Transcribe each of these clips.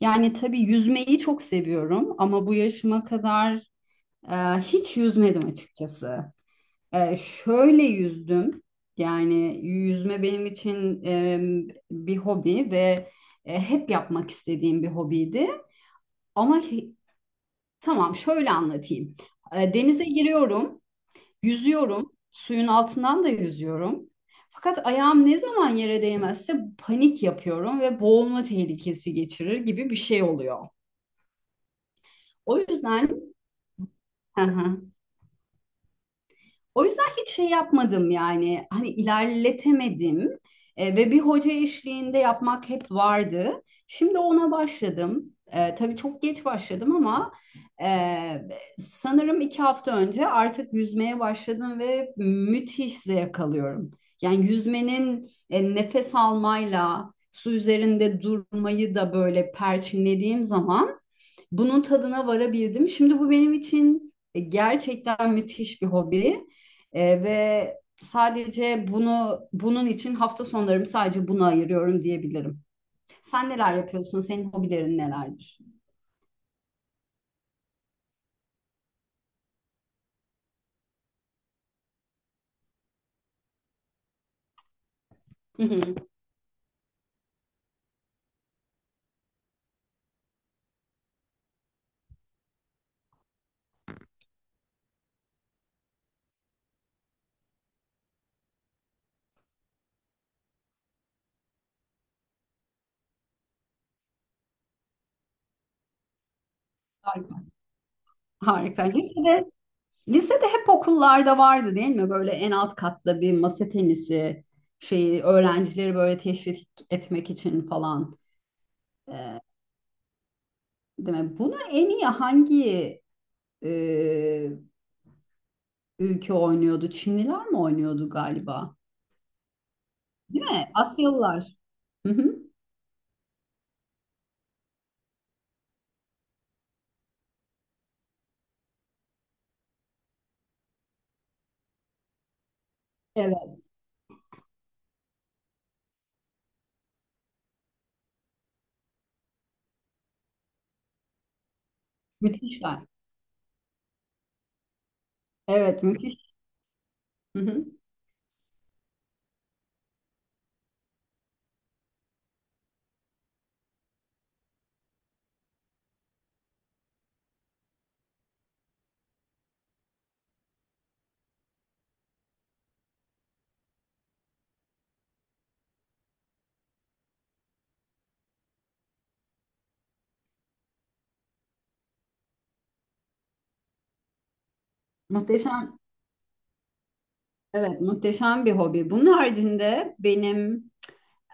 Yani tabii yüzmeyi çok seviyorum ama bu yaşıma kadar e, hiç yüzmedim açıkçası. Şöyle yüzdüm. Yani yüzme benim için bir hobi ve hep yapmak istediğim bir hobiydi. Ama hi- tamam, şöyle anlatayım. Denize giriyorum, yüzüyorum, suyun altından da yüzüyorum. Fakat ayağım ne zaman yere değmezse panik yapıyorum ve boğulma tehlikesi geçirir gibi bir şey oluyor. O yüzden Hı hı. O yüzden hiç şey yapmadım, yani hani ilerletemedim. Ve bir hoca eşliğinde yapmak hep vardı. Şimdi ona başladım. Tabii çok geç başladım ama e, sanırım 2 hafta önce artık yüzmeye başladım ve müthiş zevk alıyorum. Yani yüzmenin nefes almayla su üzerinde durmayı da böyle perçinlediğim zaman bunun tadına varabildim. Şimdi bu benim için gerçekten müthiş bir hobi. Ve sadece bunun için hafta sonlarımı sadece buna ayırıyorum diyebilirim. Sen neler yapıyorsun? Senin hobilerin nelerdir? Hı hı. Harika. Harika. Lisede, hep okullarda vardı, değil mi? Böyle en alt katta bir masa tenisi şeyi, öğrencileri böyle teşvik etmek için falan. E, Değil mi? Bunu en iyi hangi e, ülke oynuyordu? Çinliler mi oynuyordu galiba? Değil mi? Asyalılar. Hı hı. Evet. Müthişler. Evet, müthiş. Hı hı. Muhteşem. Evet, muhteşem bir hobi. Bunun haricinde benim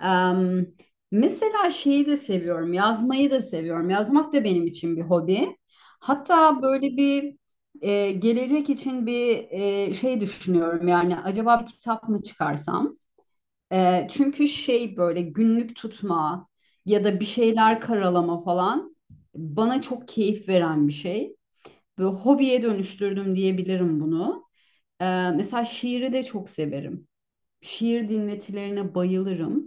em, mesela şeyi de seviyorum, yazmayı da seviyorum. Yazmak da benim için bir hobi. Hatta böyle bir gelecek için bir şey düşünüyorum. Yani acaba bir kitap mı çıkarsam? Çünkü şey, böyle günlük tutma ya da bir şeyler karalama falan bana çok keyif veren bir şey. Böyle hobiye dönüştürdüm diyebilirim bunu. Ee, Mesela şiiri de çok severim. Şiir dinletilerine bayılırım.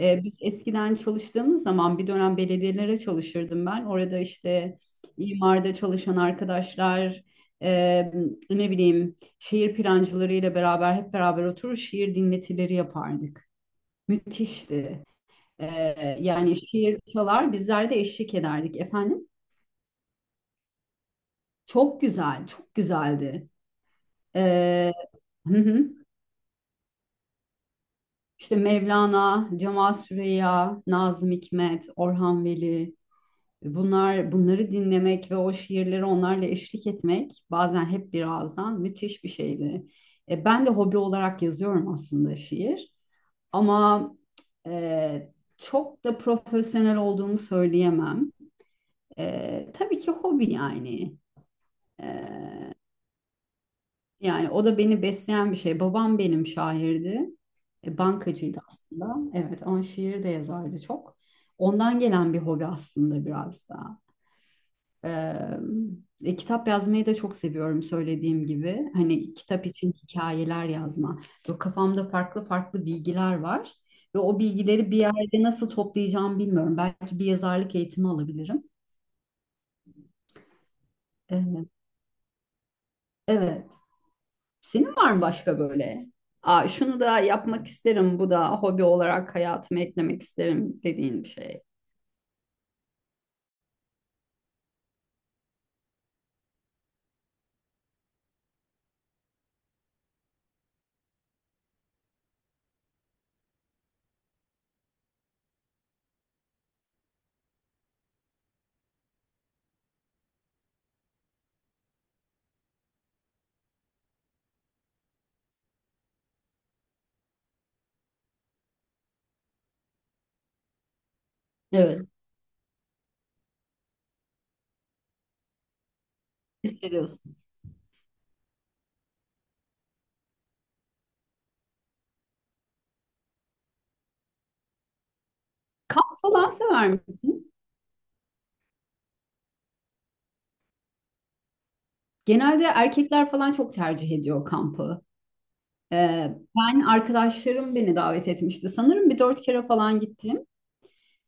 Biz eskiden çalıştığımız zaman bir dönem belediyelere çalışırdım ben. Orada işte imarda çalışan arkadaşlar, e, ne bileyim şehir plancılarıyla beraber hep beraber oturur şiir dinletileri yapardık. Müthişti. Yani şiir çalar bizler de eşlik ederdik efendim. Çok güzel, çok güzeldi. Ee, İşte Mevlana, Cemal Süreya, Nazım Hikmet, Orhan Veli, bunlar bunları dinlemek ve o şiirleri onlarla eşlik etmek bazen hep bir ağızdan müthiş bir şeydi. Ben de hobi olarak yazıyorum aslında şiir, ama e, çok da profesyonel olduğumu söyleyemem. Tabii ki hobi yani. E, Yani o da beni besleyen bir şey. Babam benim şairdi. Bankacıydı aslında. Evet ama şiir de yazardı çok. Ondan gelen bir hobi aslında biraz da. Ee, Kitap yazmayı da çok seviyorum, söylediğim gibi. Hani kitap için hikayeler yazma. Böyle kafamda farklı farklı bilgiler var. Ve o bilgileri bir yerde nasıl toplayacağımı bilmiyorum. Belki bir yazarlık eğitimi alabilirim. Ee, evet. Senin var mı başka böyle? Aa, şunu da yapmak isterim, bu da hobi olarak hayatıma eklemek isterim dediğin bir şey. Evet. Hissediyorsun. Kamp falan sever misin? Genelde erkekler falan çok tercih ediyor kampı. Ben arkadaşlarım beni davet etmişti. Sanırım bir 4 kere falan gittim.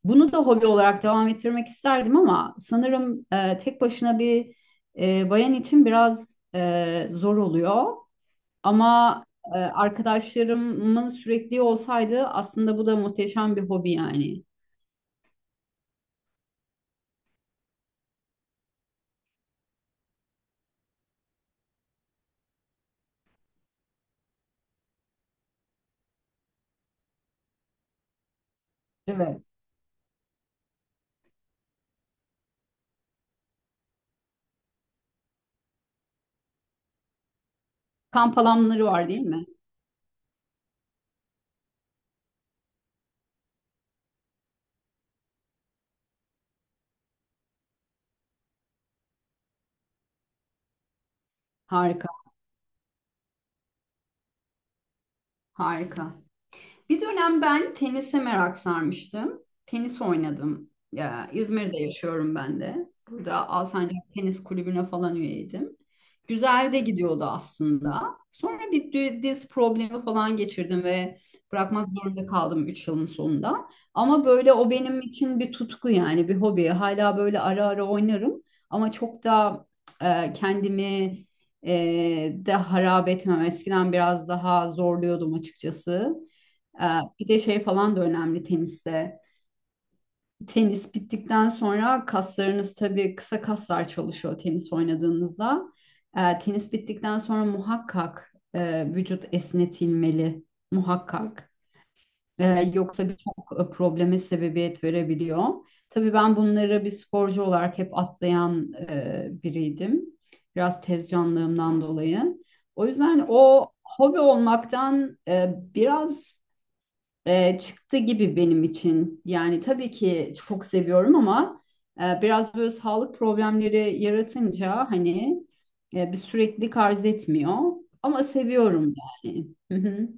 Bunu da hobi olarak devam ettirmek isterdim ama sanırım tek başına bir bayan için biraz zor oluyor. Ama arkadaşlarımın sürekli olsaydı aslında bu da muhteşem bir hobi yani. Evet. Kamp alanları var değil mi? Harika, harika. Bir dönem ben tenise merak sarmıştım. Tenis oynadım. Ya, İzmir'de yaşıyorum ben de. Burada Alsancak Tenis Kulübü'ne falan üyeydim. Güzel de gidiyordu aslında. Sonra bir diz problemi falan geçirdim ve bırakmak zorunda kaldım 3 yılın sonunda. Ama böyle o benim için bir tutku, yani bir hobi. Hala böyle ara ara oynarım ama çok da kendimi de harap etmem. Eskiden biraz daha zorluyordum açıkçası. Ee, Bir de şey falan da önemli teniste. Tenis bittikten sonra kaslarınız tabii, kısa kaslar çalışıyor tenis oynadığınızda. Tenis bittikten sonra muhakkak vücut esnetilmeli, muhakkak. Yoksa birçok probleme sebebiyet verebiliyor. Tabii ben bunları bir sporcu olarak hep atlayan biriydim. Biraz tez canlığımdan dolayı. O yüzden o hobi olmaktan biraz çıktı gibi benim için. Yani tabii ki çok seviyorum ama biraz böyle sağlık problemleri yaratınca, hani bir süreklilik arz etmiyor. Ama seviyorum yani. Hı hı.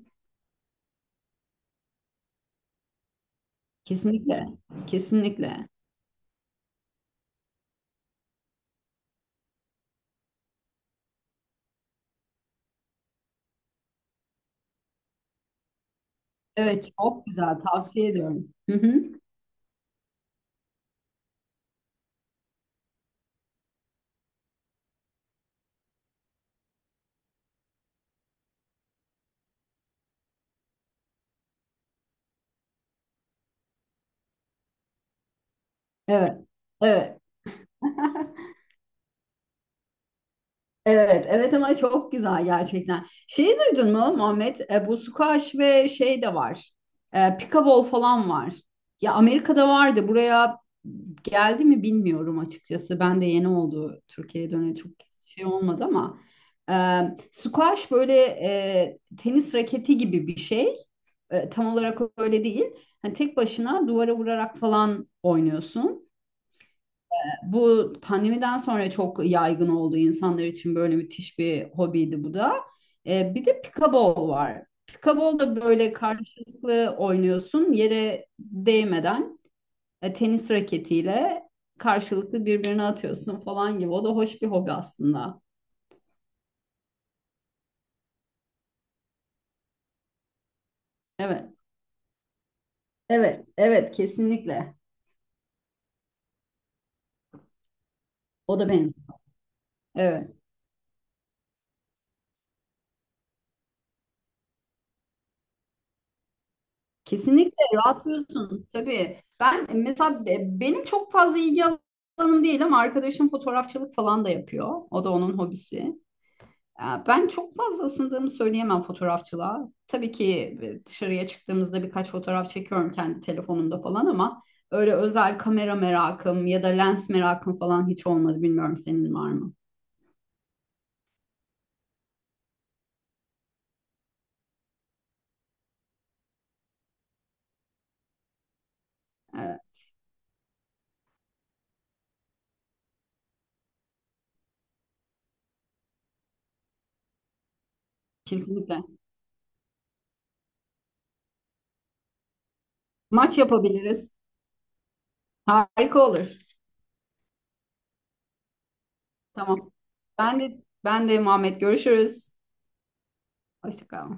Kesinlikle. Kesinlikle. Evet, çok güzel, tavsiye ediyorum. Hı hı. Evet. Evet. Evet, evet ama çok güzel gerçekten. Şeyi duydun mu, Muhammed? Bu squash ve şey de var. Pickleball falan var. Ya, Amerika'da vardı. Buraya geldi mi bilmiyorum açıkçası. Ben de yeni oldu. Türkiye'ye döneli çok şey olmadı ama. E, Squash böyle tenis raketi gibi bir şey. Tam olarak öyle değil. Hani tek başına duvara vurarak falan oynuyorsun. Bu pandemiden sonra çok yaygın oldu, insanlar için böyle müthiş bir hobiydi bu da. Bir de pikabol var. Pikabol da böyle karşılıklı oynuyorsun, yere değmeden tenis raketiyle karşılıklı birbirine atıyorsun falan gibi. O da hoş bir hobi aslında. Evet, evet, evet, kesinlikle. O da benziyor. Evet. Kesinlikle rahatlıyorsun tabii. Ben mesela benim çok fazla ilgi alanım değil ama arkadaşım fotoğrafçılık falan da yapıyor. O da onun hobisi. Ya, ben çok fazla ısındığımı söyleyemem fotoğrafçılığa. Tabii ki dışarıya çıktığımızda birkaç fotoğraf çekiyorum kendi telefonumda falan ama öyle özel kamera merakım ya da lens merakım falan hiç olmadı. Bilmiyorum, senin var mı? Ee, Kesinlikle. Maç yapabiliriz. Harika olur. Tamam. Ben de Muhammed, görüşürüz. Hoşça kal.